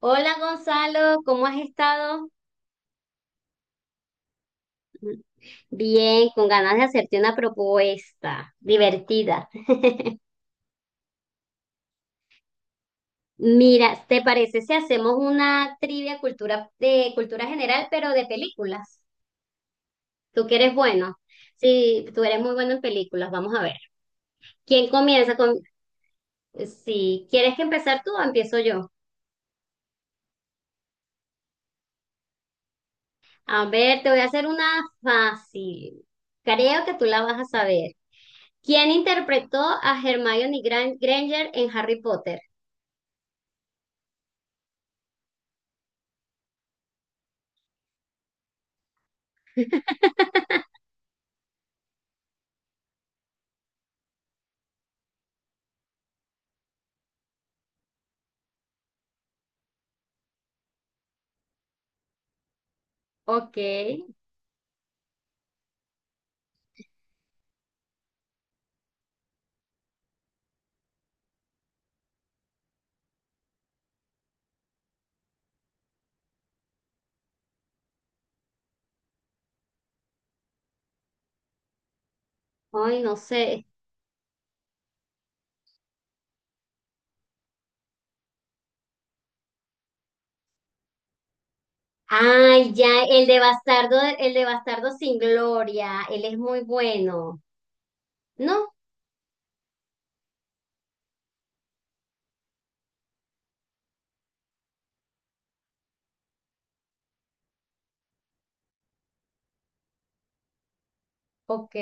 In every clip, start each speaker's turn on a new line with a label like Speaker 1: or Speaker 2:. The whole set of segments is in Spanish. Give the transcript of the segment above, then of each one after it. Speaker 1: Hola Gonzalo, ¿cómo has estado? Bien, con ganas de hacerte una propuesta divertida. Mira, ¿te parece si hacemos una trivia cultura, de cultura general, pero de películas? Tú que eres bueno. Sí, tú eres muy bueno en películas, vamos a ver. ¿Quién comienza con... si quieres que empezar tú o empiezo yo? A ver, te voy a hacer una fácil. Creo que tú la vas a saber. ¿Quién interpretó a Hermione Granger en Harry Potter? Ok, ay, no sé. Ay, ya, el de Bastardo sin Gloria, él es muy bueno, ¿no? Ok,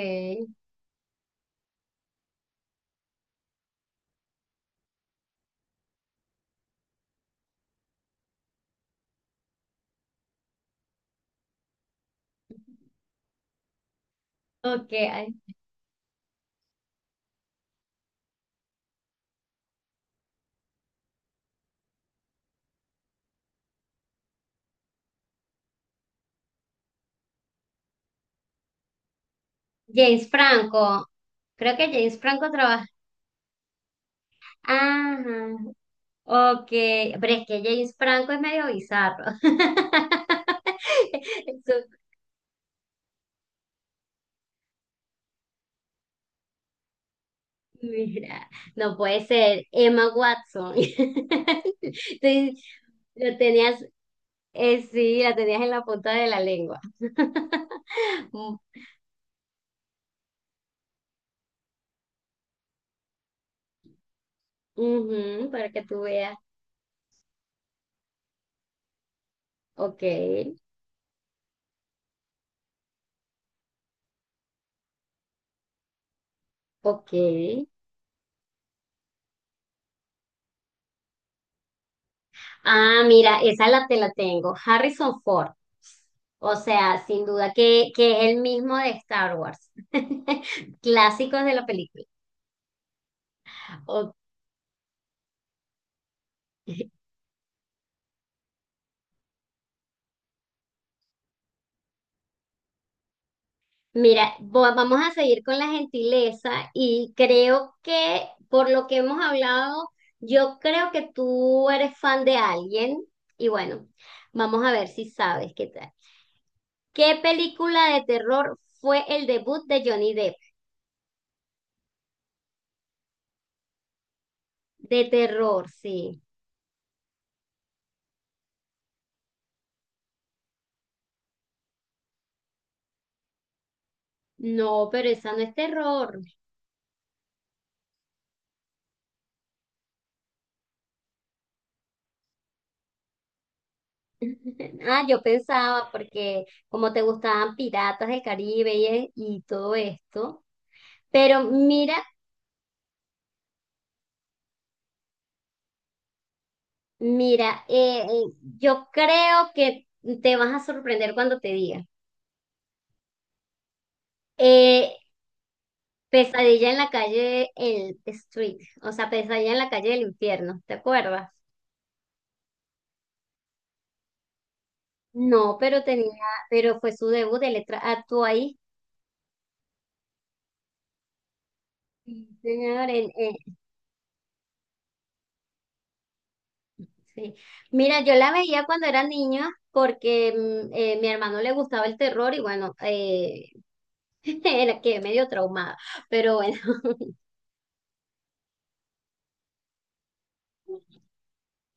Speaker 1: ok, ay. James Franco, creo que James Franco trabaja. Ajá, ok, pero es que James Franco es medio bizarro. Eso, mira, no puede ser Emma Watson. Entonces, lo tenías, sí, la tenías en la punta de la lengua. Ujú, para que tú veas. Ok, ok. Ah, mira, esa la te la tengo. Harrison Ford. O sea, sin duda que es el mismo de Star Wars. Clásicos de la película. Ok. Mira, vamos a seguir con la gentileza y creo que por lo que hemos hablado, yo creo que tú eres fan de alguien y bueno, vamos a ver si sabes qué tal. ¿Qué película de terror fue el debut de Johnny Depp? De terror, sí. No, pero esa no es terror. Ah, yo pensaba, porque como te gustaban Piratas del Caribe y todo esto. Pero mira, mira, yo creo que te vas a sorprender cuando te diga. Eh, Pesadilla en la calle, el Street, o sea, Pesadilla en la calle del infierno, ¿te acuerdas? No, pero tenía, pero fue su debut de letra. Actuó ahí. Sí, señor. Sí. Mira, yo la veía cuando era niña porque mi hermano le gustaba el terror y bueno, era que medio traumada. Pero bueno,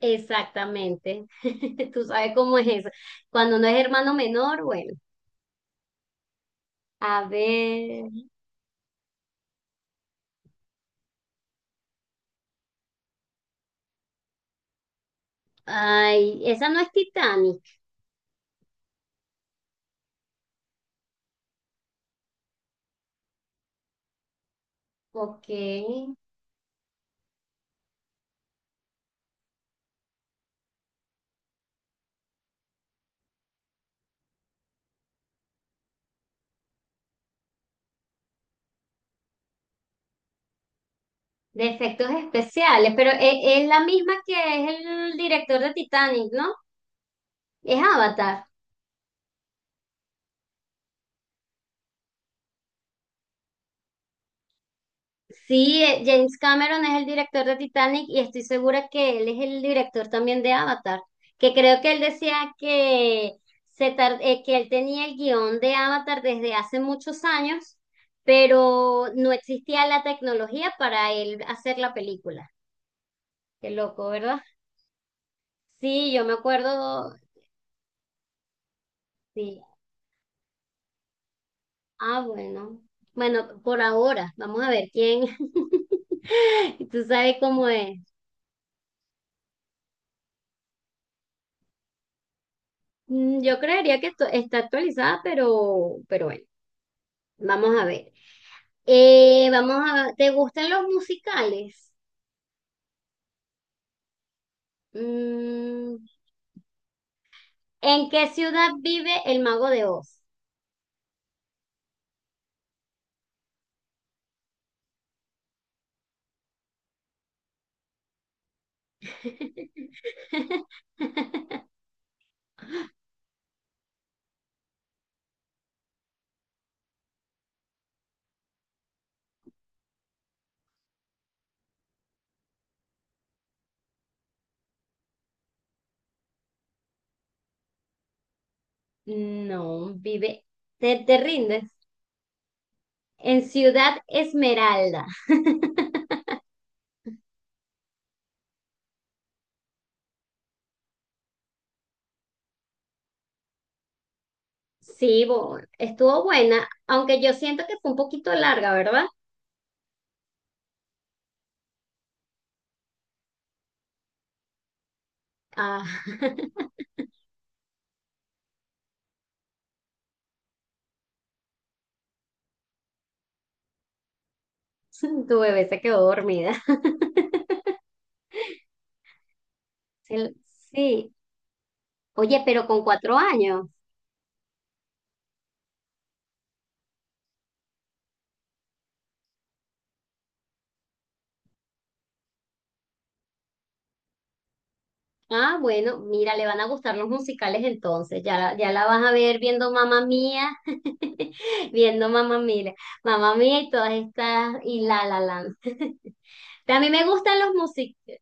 Speaker 1: exactamente. Tú sabes cómo es eso. Cuando no es hermano menor, bueno, a ver. Ay, esa no es Titanic. Ok, de efectos especiales, pero es, la misma que es el director de Titanic, ¿no? Es Avatar. Sí, James Cameron es el director de Titanic y estoy segura que él es el director también de Avatar, que creo que él decía que, que él tenía el guión de Avatar desde hace muchos años, pero no existía la tecnología para él hacer la película. Qué loco, ¿verdad? Sí, yo me acuerdo, sí. Ah, bueno. Bueno, por ahora, vamos a ver quién. Tú sabes cómo es. Mm, yo creería que esto está actualizada, pero bueno, vamos a ver. Vamos a, ¿te gustan los musicales? Mm, ¿en qué ciudad vive el Mago de Oz? No, vive. ¿Te, te rindes? En Ciudad Esmeralda. Sí, estuvo buena, aunque yo siento que fue un poquito larga, ¿verdad? Ah, tu bebé se quedó dormida. Sí, sí. Oye, pero con 4 años. Ah, bueno, mira, le van a gustar los musicales entonces. Ya, ya la vas a ver viendo Mamá Mía, viendo Mamá Mía, Mamá Mía y todas estas, y La La Land. A mí me gustan los musicales.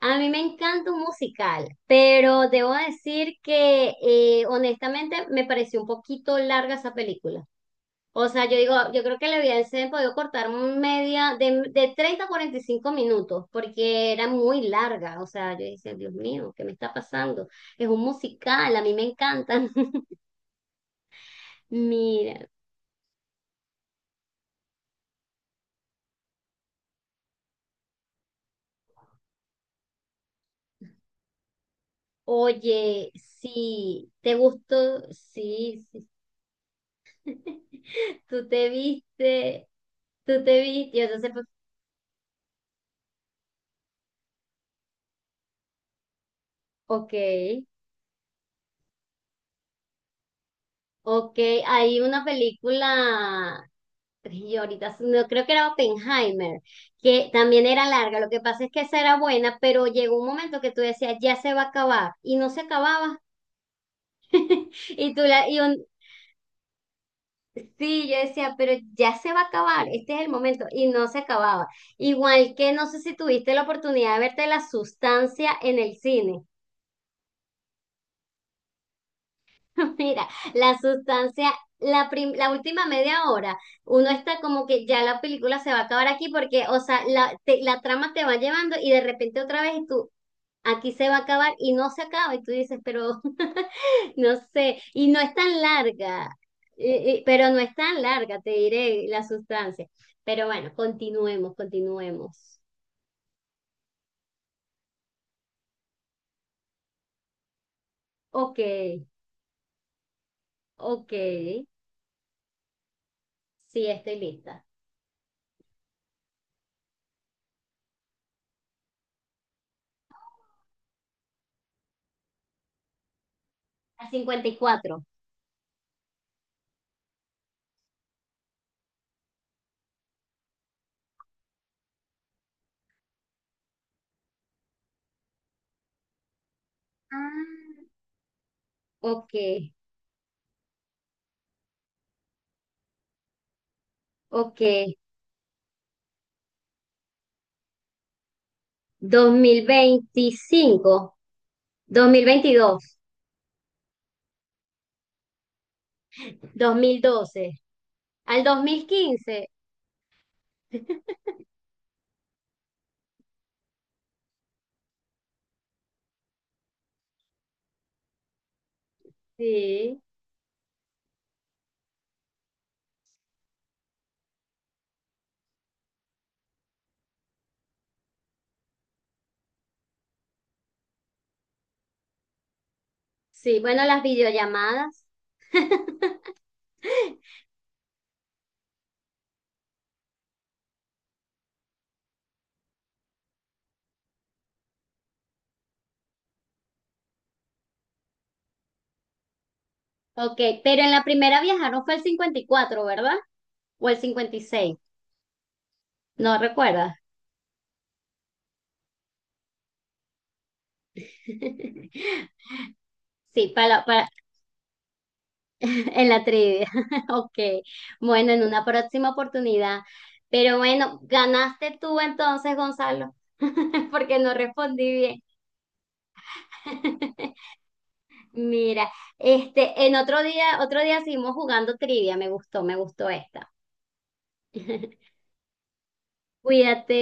Speaker 1: A mí me encanta un musical, pero debo decir que honestamente me pareció un poquito larga esa película. O sea, yo digo, yo creo que le hubiesen podido cortar un media de 30 a 45 minutos porque era muy larga. O sea, yo decía, Dios mío, ¿qué me está pasando? Es un musical, a mí me encantan. Mira, oye, sí, ¿te gustó? Sí, sí. Tú te viste, tú te viste, yo entonces, pues, ok. Ok, hay una película, y ahorita no creo que era Oppenheimer, que también era larga. Lo que pasa es que esa era buena, pero llegó un momento que tú decías, ya se va a acabar, y no se acababa. Y tú la, sí, yo decía, pero ya se va a acabar, este es el momento, y no se acababa. Igual que no sé si tuviste la oportunidad de verte La Sustancia en el cine. Mira, la sustancia, la última media hora, uno está como que ya la película se va a acabar aquí porque, o sea, la trama te va llevando y de repente otra vez y tú, aquí se va a acabar y no se acaba y tú dices, pero no sé, y no es tan larga, pero no es tan larga, te diré la sustancia. Pero bueno, continuemos, continuemos. Ok, ok, sí, estoy lista. A 54, ah, ok. Ok, 2025, 2022, 2012, al 2015. Sí, sí, bueno, las videollamadas. Ok, pero en la primera viajaron fue el 54, ¿verdad? O el 56. No recuerdas. Sí, para, en la trivia. Ok, bueno, en una próxima oportunidad. Pero bueno, ganaste tú entonces, Gonzalo, porque no respondí bien. Mira, este, en otro día seguimos jugando trivia, me gustó esta. Cuídate.